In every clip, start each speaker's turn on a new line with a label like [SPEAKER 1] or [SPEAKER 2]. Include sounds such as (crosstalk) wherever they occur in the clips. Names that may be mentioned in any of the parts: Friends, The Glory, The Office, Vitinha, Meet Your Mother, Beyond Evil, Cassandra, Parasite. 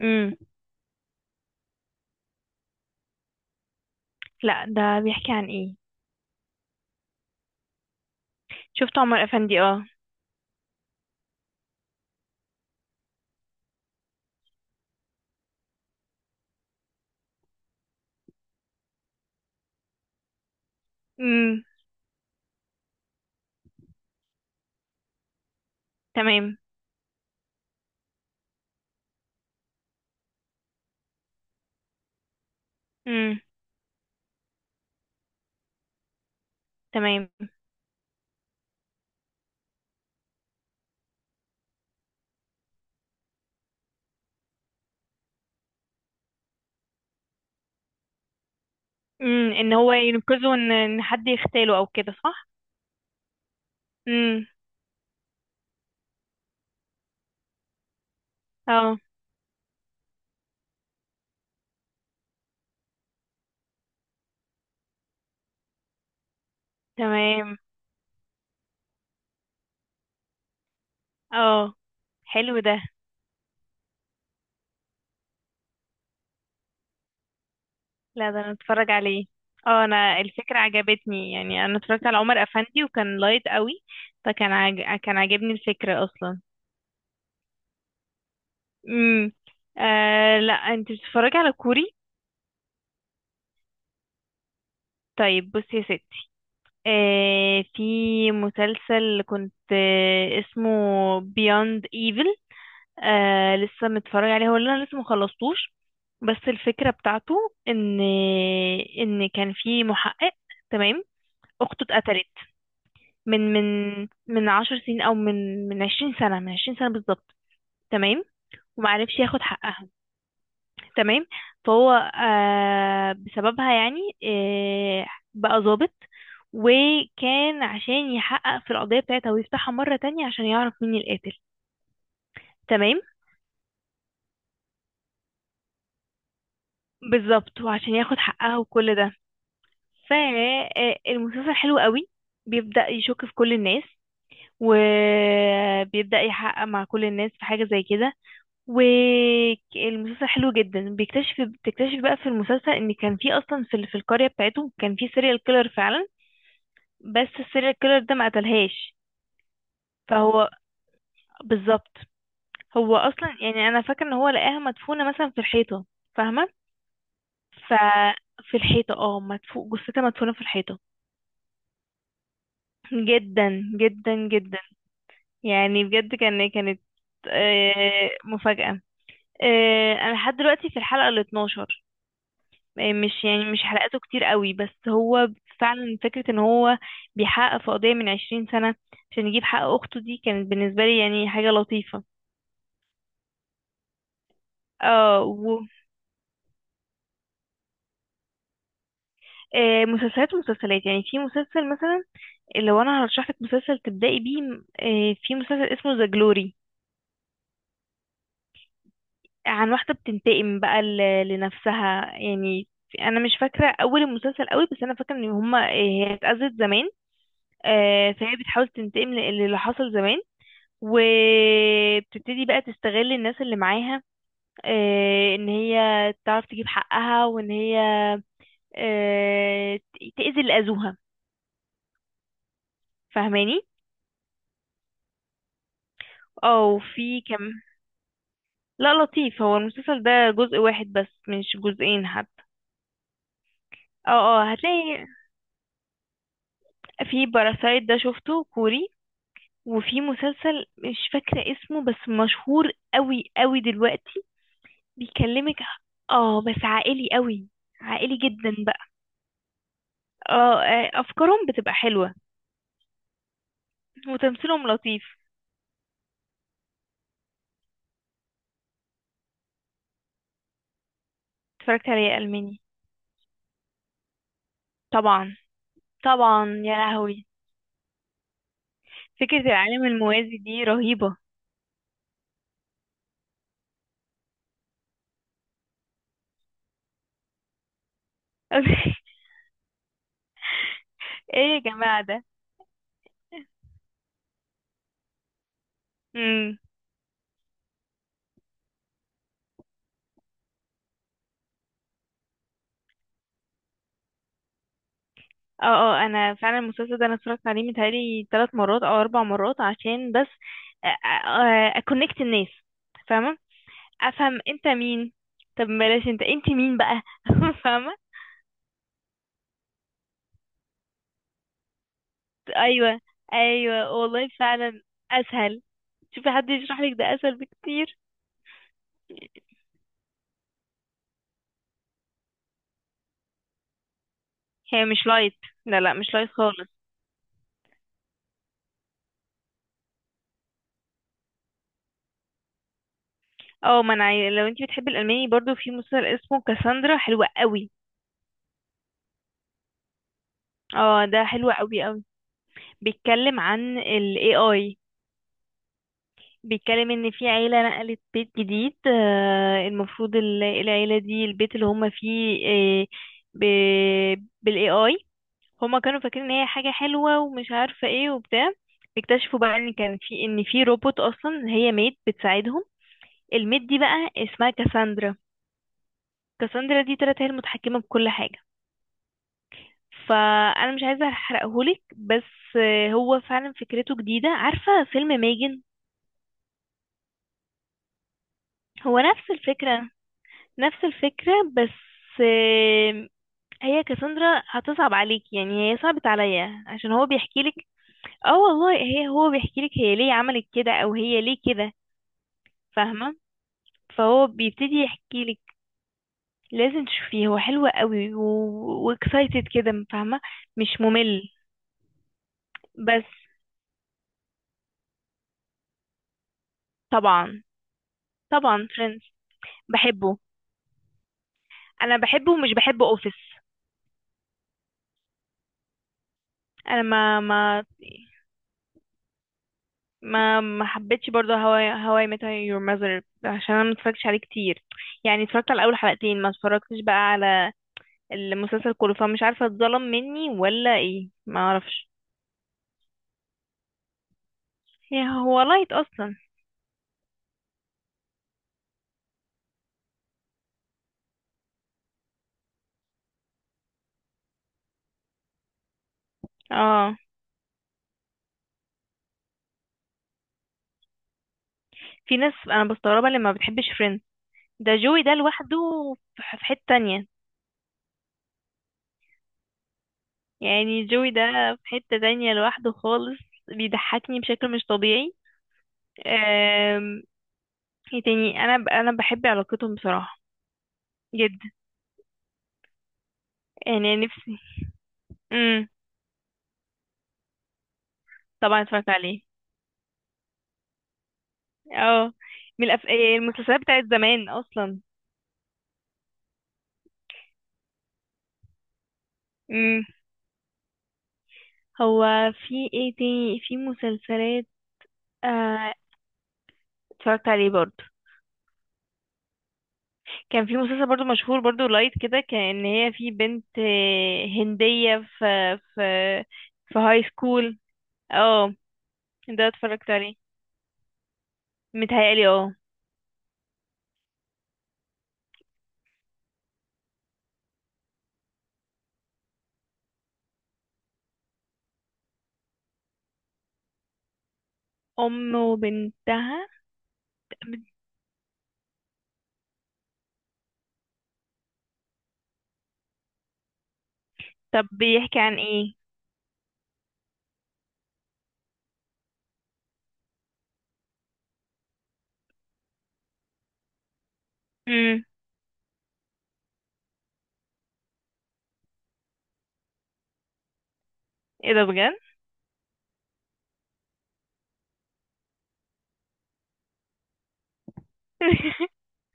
[SPEAKER 1] امم لا، ده بيحكي عن ايه؟ شفت عمر افندي، اه. امم تمام. امم تمام. ان هو ينقذه، ان حد يغتاله او كده، صح؟ امم اه. تمام. اه، حلو ده. لا، ده انا اتفرج عليه. اه، انا الفكرة عجبتني، يعني انا اتفرجت على عمر افندي وكان لايت قوي. كان عاجبني الفكرة اصلا. امم لا، انت بتتفرجي على كوري؟ طيب بصي يا ستي، في مسلسل كنت، اسمه Beyond Evil. لسه متفرج عليه، هو اللي انا لسه مخلصتوش. بس الفكرة بتاعته ان كان في محقق، تمام، اخته اتقتلت من 10 سنين، او من 20 سنة، من 20 سنة بالظبط. تمام. ومعرفش ياخد حقها. تمام. فهو، بسببها يعني، آه بقى ظابط، وكان عشان يحقق في القضية بتاعتها ويفتحها مرة تانية عشان يعرف مين القاتل. تمام. بالظبط، وعشان ياخد حقها وكل ده. فالمسلسل حلو قوي، بيبدأ يشك في كل الناس، وبيبدأ يحقق مع كل الناس في حاجة زي كده. والمسلسل حلو جدا. بتكتشف بقى في المسلسل ان كان في اصلا، في القرية بتاعتهم كان في سيريال كيلر فعلا. بس السيريال كيلر ده ما قتلهاش. فهو، بالظبط، هو اصلا، يعني انا فاكره ان هو لقاها مدفونه مثلا في الحيطه، فاهمه؟ ففي الحيطه، اه، جثتها مدفونه في الحيطه. جدا جدا جدا، يعني بجد، كانت، مفاجاه. انا لحد دلوقتي في الحلقه ال 12. مش يعني مش حلقاته كتير قوي، بس هو فعلا فكره ان هو بيحقق في قضيه من 20 سنه عشان يجيب حق اخته، دي كانت بالنسبه لي يعني حاجه لطيفه. اه. مسلسلات ومسلسلات، يعني في مسلسل مثلا، لو انا هرشح لك مسلسل تبدأي بيه، في مسلسل اسمه ذا جلوري، عن واحدة بتنتقم بقى لنفسها يعني. انا مش فاكرة اول المسلسل قوي، بس انا فاكرة ان هما آه، هي اتأذت زمان. فهي بتحاول تنتقم للي حصل زمان، وبتبتدي بقى تستغل الناس اللي معاها، ان هي تعرف تجيب حقها، وان هي تأذي اللي أذوها، فاهماني؟ اه. وفي كم، لا لطيف، هو المسلسل ده جزء واحد بس، مش جزئين حتى. اه، اه، هتلاقي في باراسايت، ده شفته كوري. وفي مسلسل مش فاكرة اسمه بس مشهور قوي قوي دلوقتي، بيكلمك. اه، بس عائلي قوي، عائلي جدا بقى. اه، افكارهم بتبقى حلوة، وتمثيلهم لطيف. اتفرجت عليه ألماني. طبعا، طبعا يا لهوي، فكرة العالم الموازي دي رهيبة. (laughs) ايه يا جماعة ده! مم. اه، اه، انا فعلا المسلسل ده انا اتفرجت عليه متهيألي ثلاث مرات او اربع مرات عشان بس اكونكت الناس، فاهمه؟ افهم انت مين. طب بلاش انت مين بقى؟ (laughs) فاهمه؟ ايوه، ايوه، والله فعلا، اسهل. شوفي، حد يشرح لك ده اسهل بكتير. هي مش لايت، لا لا، مش لايت خالص. اه، ما انا لو انت بتحبي الالماني برضو، في مسلسل اسمه كاساندرا، حلوة قوي. اه، ده حلو قوي قوي، بيتكلم عن ال AI. بيتكلم ان في عيلة نقلت بيت جديد. المفروض العيلة دي، البيت اللي هم فيه، ب- بالاي اي، هما كانوا فاكرين ان هي حاجة حلوة ومش عارفة ايه وبتاع. اكتشفوا بقى ان كان في ان في روبوت اصلا، هي ميد بتساعدهم. الميد دي بقى اسمها كاساندرا. كاساندرا دي طلعت هي المتحكمة بكل حاجة. فانا مش عايزة احرقهولك، بس، هو فعلا فكرته جديدة. عارفة فيلم ميجن؟ هو نفس الفكرة، نفس الفكرة بس، آم، هي كسندرا هتصعب عليك، يعني هي صعبت عليا عشان هو بيحكي لك. اه والله، هو بيحكي لك هي ليه عملت كده او هي ليه كده، فاهمة؟ فهو بيبتدي يحكي لك. لازم تشوفيه، هو حلو قوي واكسايتد كده، فاهمة؟ مش ممل. بس. طبعا، طبعا، فريندز بحبه. انا بحبه ومش بحب اوفيس. انا ما حبيتش برضه، هواي ميت يور ماذر عشان انا متفرجتش عليه كتير، يعني اتفرجت على اول حلقتين، ما اتفرجتش بقى على المسلسل كله، فمش عارفه اتظلم مني ولا ايه، ما اعرفش. هو لايت اصلا. اه، في ناس انا بستغربها لما بتحبش فريند. ده جوي ده لوحده، في حته تانية، يعني جوي ده في حته تانية لوحده خالص، بيضحكني بشكل مش طبيعي. آم، ايه تاني؟ انا انا بحب علاقتهم بصراحه، جدا يعني، نفسي. طبعا اتفرجت عليه. اه، إيه المسلسلات بتاعت زمان اصلا. امم هو في ايه تاني في مسلسلات؟ آه اتفرجت عليه برضو. كان في مسلسل برضو مشهور برضو لايت كده، كان ان هي في بنت هندية في في هاي سكول. اه، ده اتفرجت عليه متهيألي، اه. ام وبنتها. طب بيحكي عن ايه؟ امم ايه ده بجد؟ (laughs)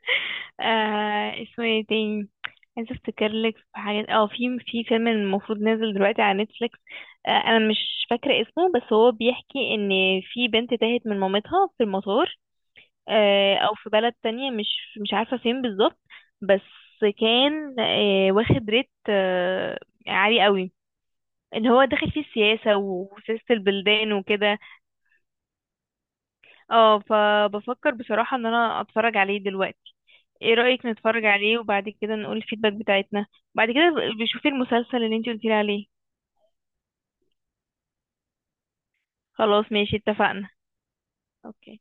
[SPEAKER 1] اسمه ايه تاني؟ عايزة افتكر لك. في حاجات، اه، في فيلم المفروض نازل دلوقتي على نتفليكس. انا مش فاكرة اسمه، بس هو بيحكي ان في بنت تاهت من مامتها في المطار. او في بلد تانية، مش عارفة فين بالظبط. بس كان، واخد ريت، عالي قوي، اللي هو داخل فيه السياسة وسياسة البلدان وكده. اه، فبفكر بصراحة ان انا اتفرج عليه دلوقتي. ايه رأيك نتفرج عليه وبعد كده نقول الفيدباك بتاعتنا؟ بعد كده بشوفي المسلسل اللي انتي قلتيلي عليه. خلاص، ماشي، اتفقنا. اوكي.